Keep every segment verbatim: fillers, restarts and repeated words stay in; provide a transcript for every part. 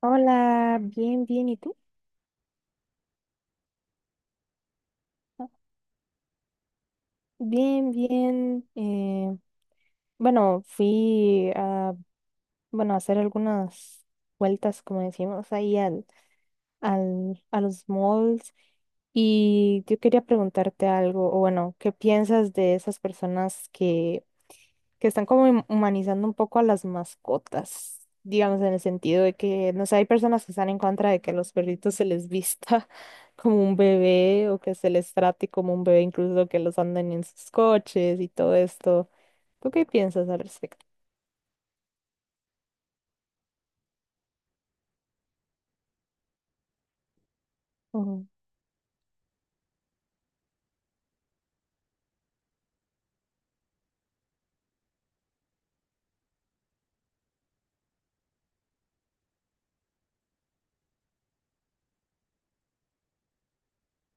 Hola, bien, bien, ¿y tú? Bien, bien. Eh, bueno, fui a, bueno, a hacer algunas vueltas, como decimos, ahí al, al, a los malls. Y yo quería preguntarte algo, o bueno, ¿qué piensas de esas personas que que están como hum- humanizando un poco a las mascotas, digamos, en el sentido de que, no sé, hay personas que están en contra de que a los perritos se les vista como un bebé o que se les trate como un bebé, incluso que los anden en sus coches y todo esto? ¿Tú qué piensas al respecto? Mm,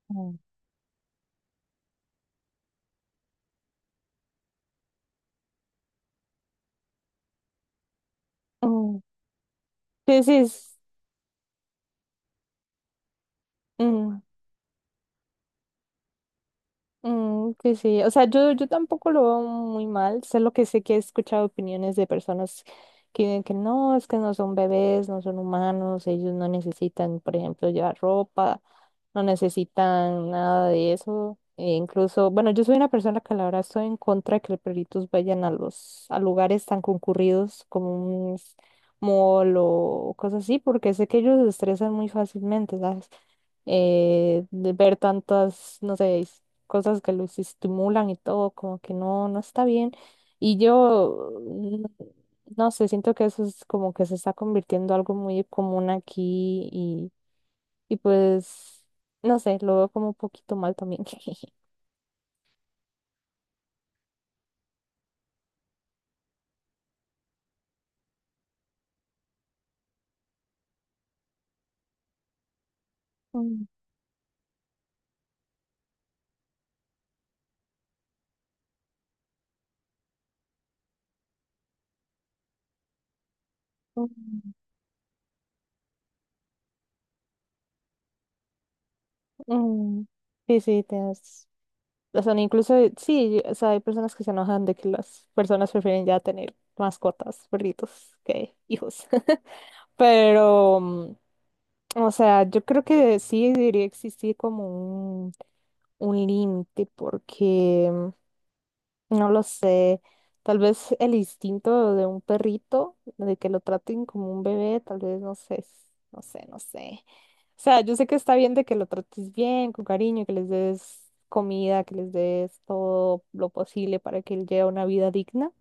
mm, mm. Sí, sí. Es- mm. Mm, que sí, o sea, yo, yo tampoco lo veo muy mal, solo que sé que he escuchado opiniones de personas que dicen que no, es que no son bebés, no son humanos, ellos no necesitan, por ejemplo, llevar ropa, no necesitan nada de eso. E incluso, bueno, yo soy una persona que la verdad estoy en contra de que los perritos vayan a los, a lugares tan concurridos como un mall o cosas así, porque sé que ellos se estresan muy fácilmente, ¿sabes? Eh, de ver tantas, no sé, es- cosas que los estimulan y todo, como que no, no está bien. Y yo, mm, no sé, siento que eso es como que se está convirtiendo algo muy común aquí y, y pues, no sé, lo veo como un poquito mal también. Mm, mm. Mm, sí, sí, tienes, o sea, incluso, sí, o sea, hay personas que se enojan de que las personas prefieren ya tener mascotas, perritos, que hijos. Pero, mm, o sea, yo creo que sí debería existir como un, un límite, porque mm, no lo sé. Tal vez el instinto de un perrito, de que lo traten como un bebé, tal vez no sé, s- no sé, no sé. O sea, yo sé que está bien de que lo trates bien, con cariño, que les des comida, que les des todo lo posible para que él lleve una vida digna.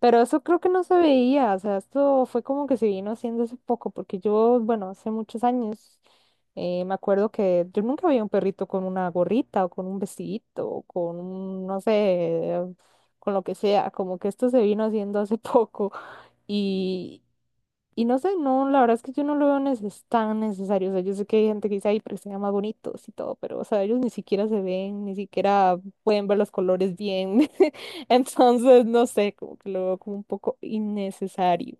Pero eso creo que no se veía, o sea, esto fue como que se vino haciendo hace poco, porque yo, bueno, hace muchos años, eh, me acuerdo que yo nunca veía un perrito con una gorrita o con un vestidito o con, un, no sé, con lo que sea, como que esto se vino haciendo hace poco. y y no sé, no, la verdad es que yo no lo veo neces- tan necesario. O sea, yo sé que hay gente que dice, ay, pero se ven más bonitos y todo, pero, o sea, ellos ni siquiera se ven, ni siquiera pueden ver los colores bien. Entonces, no sé, como que lo veo como un poco innecesario.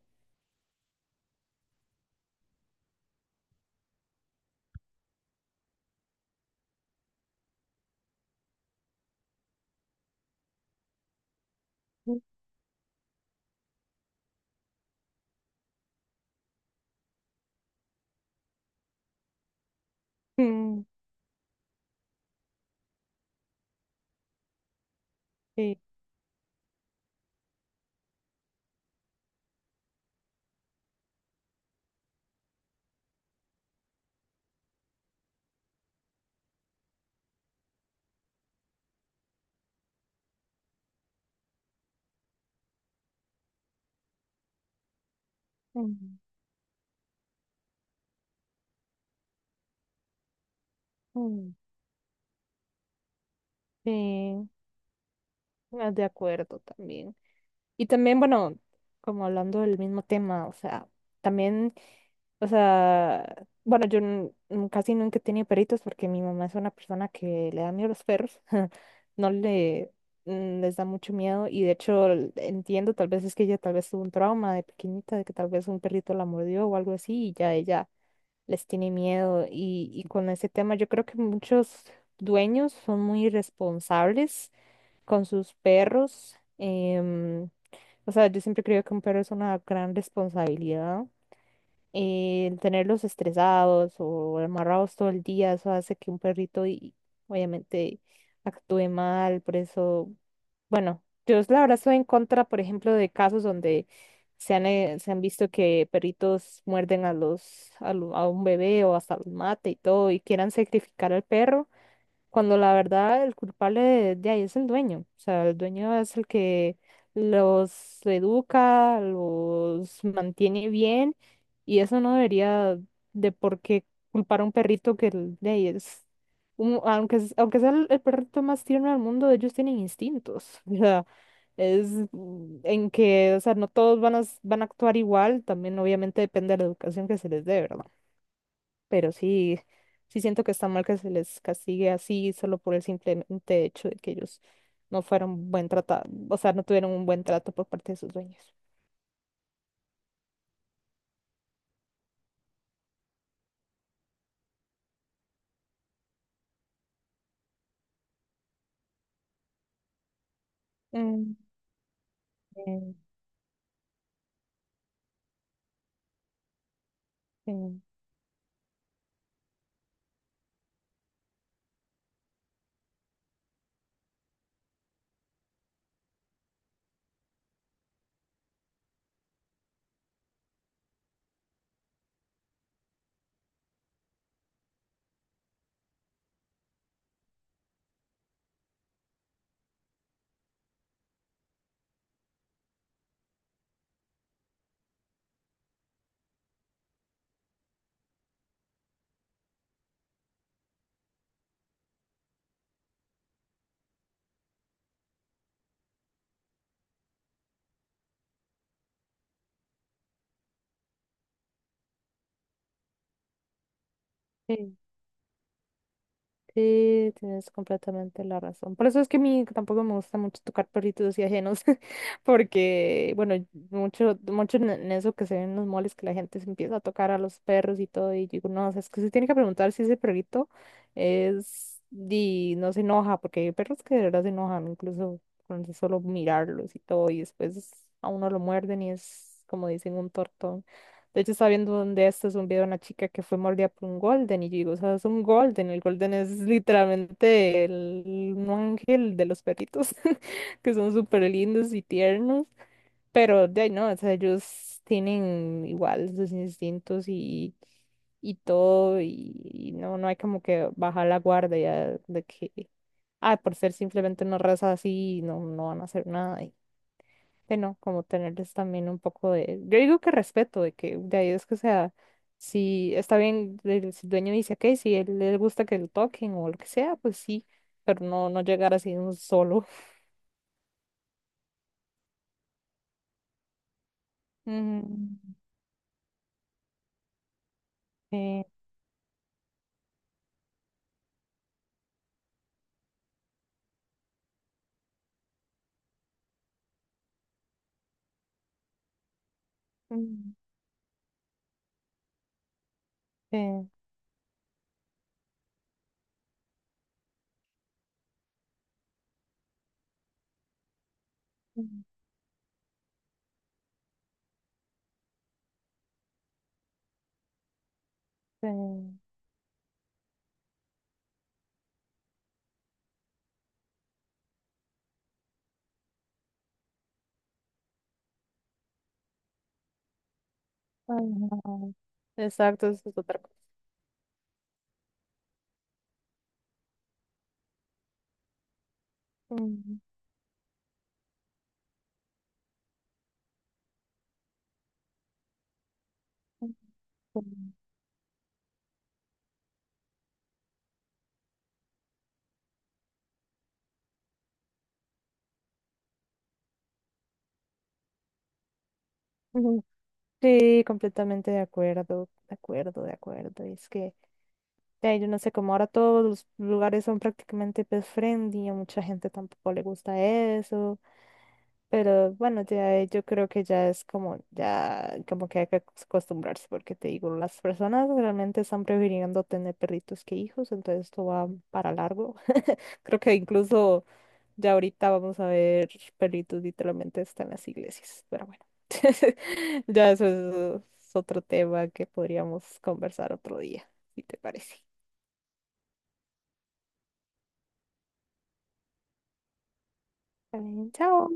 Mm. Sí, mm, mm, sí, ah, de acuerdo también. Y también, bueno, como hablando del mismo tema, o sea, también, o sea, bueno, yo n- n- casi nunca he tenido perritos porque mi mamá es una persona que le da miedo a los perros, no le mm, les da mucho miedo. Y de hecho l- entiendo, tal vez es que ella tal vez tuvo un trauma de pequeñita, de que tal vez un perrito la mordió o algo así y ya ella les tiene miedo. Y, y con ese tema yo creo que muchos dueños son muy irresponsables con sus perros. Em, o sea, yo siempre creo que un perro es una gran responsabilidad. Eh, El tenerlos estresados o amarrados todo el día, eso hace que un perrito y, obviamente, actúe mal. Por eso, bueno, yo la verdad estoy en contra, por ejemplo, de casos donde se han, eh, se han visto que perritos muerden a los, a, lo- a un bebé o hasta los mate y todo y quieran sacrificar al perro cuando la verdad el culpable de, de ahí es el dueño. O sea, el dueño es el que los educa, los mantiene bien, y eso no debería de por qué culpar a un perrito que el- de ahí es, un- aunque, es- aunque sea el, el perrito más tierno del mundo, ellos tienen instintos. O sea, es mm, en que, o sea, no todos van a, s- van a actuar igual, también obviamente depende de la educación que se les dé, ¿verdad? Pero sí, sí siento que está mal que se les castigue así solo por el simplemente hecho de que ellos no fueron buen tratado, o sea, no tuvieron un buen trato por parte de sus dueños. Mm, eh, eh, eh, sí, tienes completamente la razón. Por eso es que a mí tampoco me gusta mucho tocar perritos y ajenos, porque, bueno, mucho, mucho en en eso que se ven en los moles, que la gente se empieza a tocar a los perros y todo, y yo digo, no, o sea, es que se tiene que preguntar si ese perrito es, y no se enoja, porque hay perros que de verdad se enojan, incluso con solo mirarlos y todo, y después a uno lo muerden y es, como dicen, un tortón. De hecho, estaba viendo donde esto es un video de una chica que fue mordida por un golden y yo digo, o sea, es un golden. El golden es literalmente el, un ángel de los perritos, que son súper lindos y tiernos, pero de ahí no, o sea, ellos tienen igual sus instintos y, y todo y, y no, no hay como que bajar la guardia de que, ah, por ser simplemente una raza así, no, no van a hacer nada, de no como tenerles también un poco de, yo digo que respeto, de que de ahí es que o sea, si está bien, el, si el dueño dice, ok, si él le gusta que lo toquen o lo que sea, pues sí, pero no, no llegar así de un solo. Mm, sí, mm, sí, mm, sí. Ay, no. Exacto, eso es otra cosa. Mm, mm, mm. Mm. Sí, completamente de acuerdo, de acuerdo, de acuerdo. Es que ya, yo no sé, como ahora todos los lugares son prácticamente pet friendly, a mucha gente tampoco le gusta eso, pero bueno, ya eh, yo creo que ya es como, ya como que hay que acostumbrarse, porque te digo, las personas realmente están prefiriendo tener perritos que hijos, entonces esto va para largo. Creo que incluso ya ahorita vamos a ver perritos literalmente hasta en las iglesias, pero bueno, ya eso es es otro tema que podríamos conversar otro día, si te parece. Está bien, chao.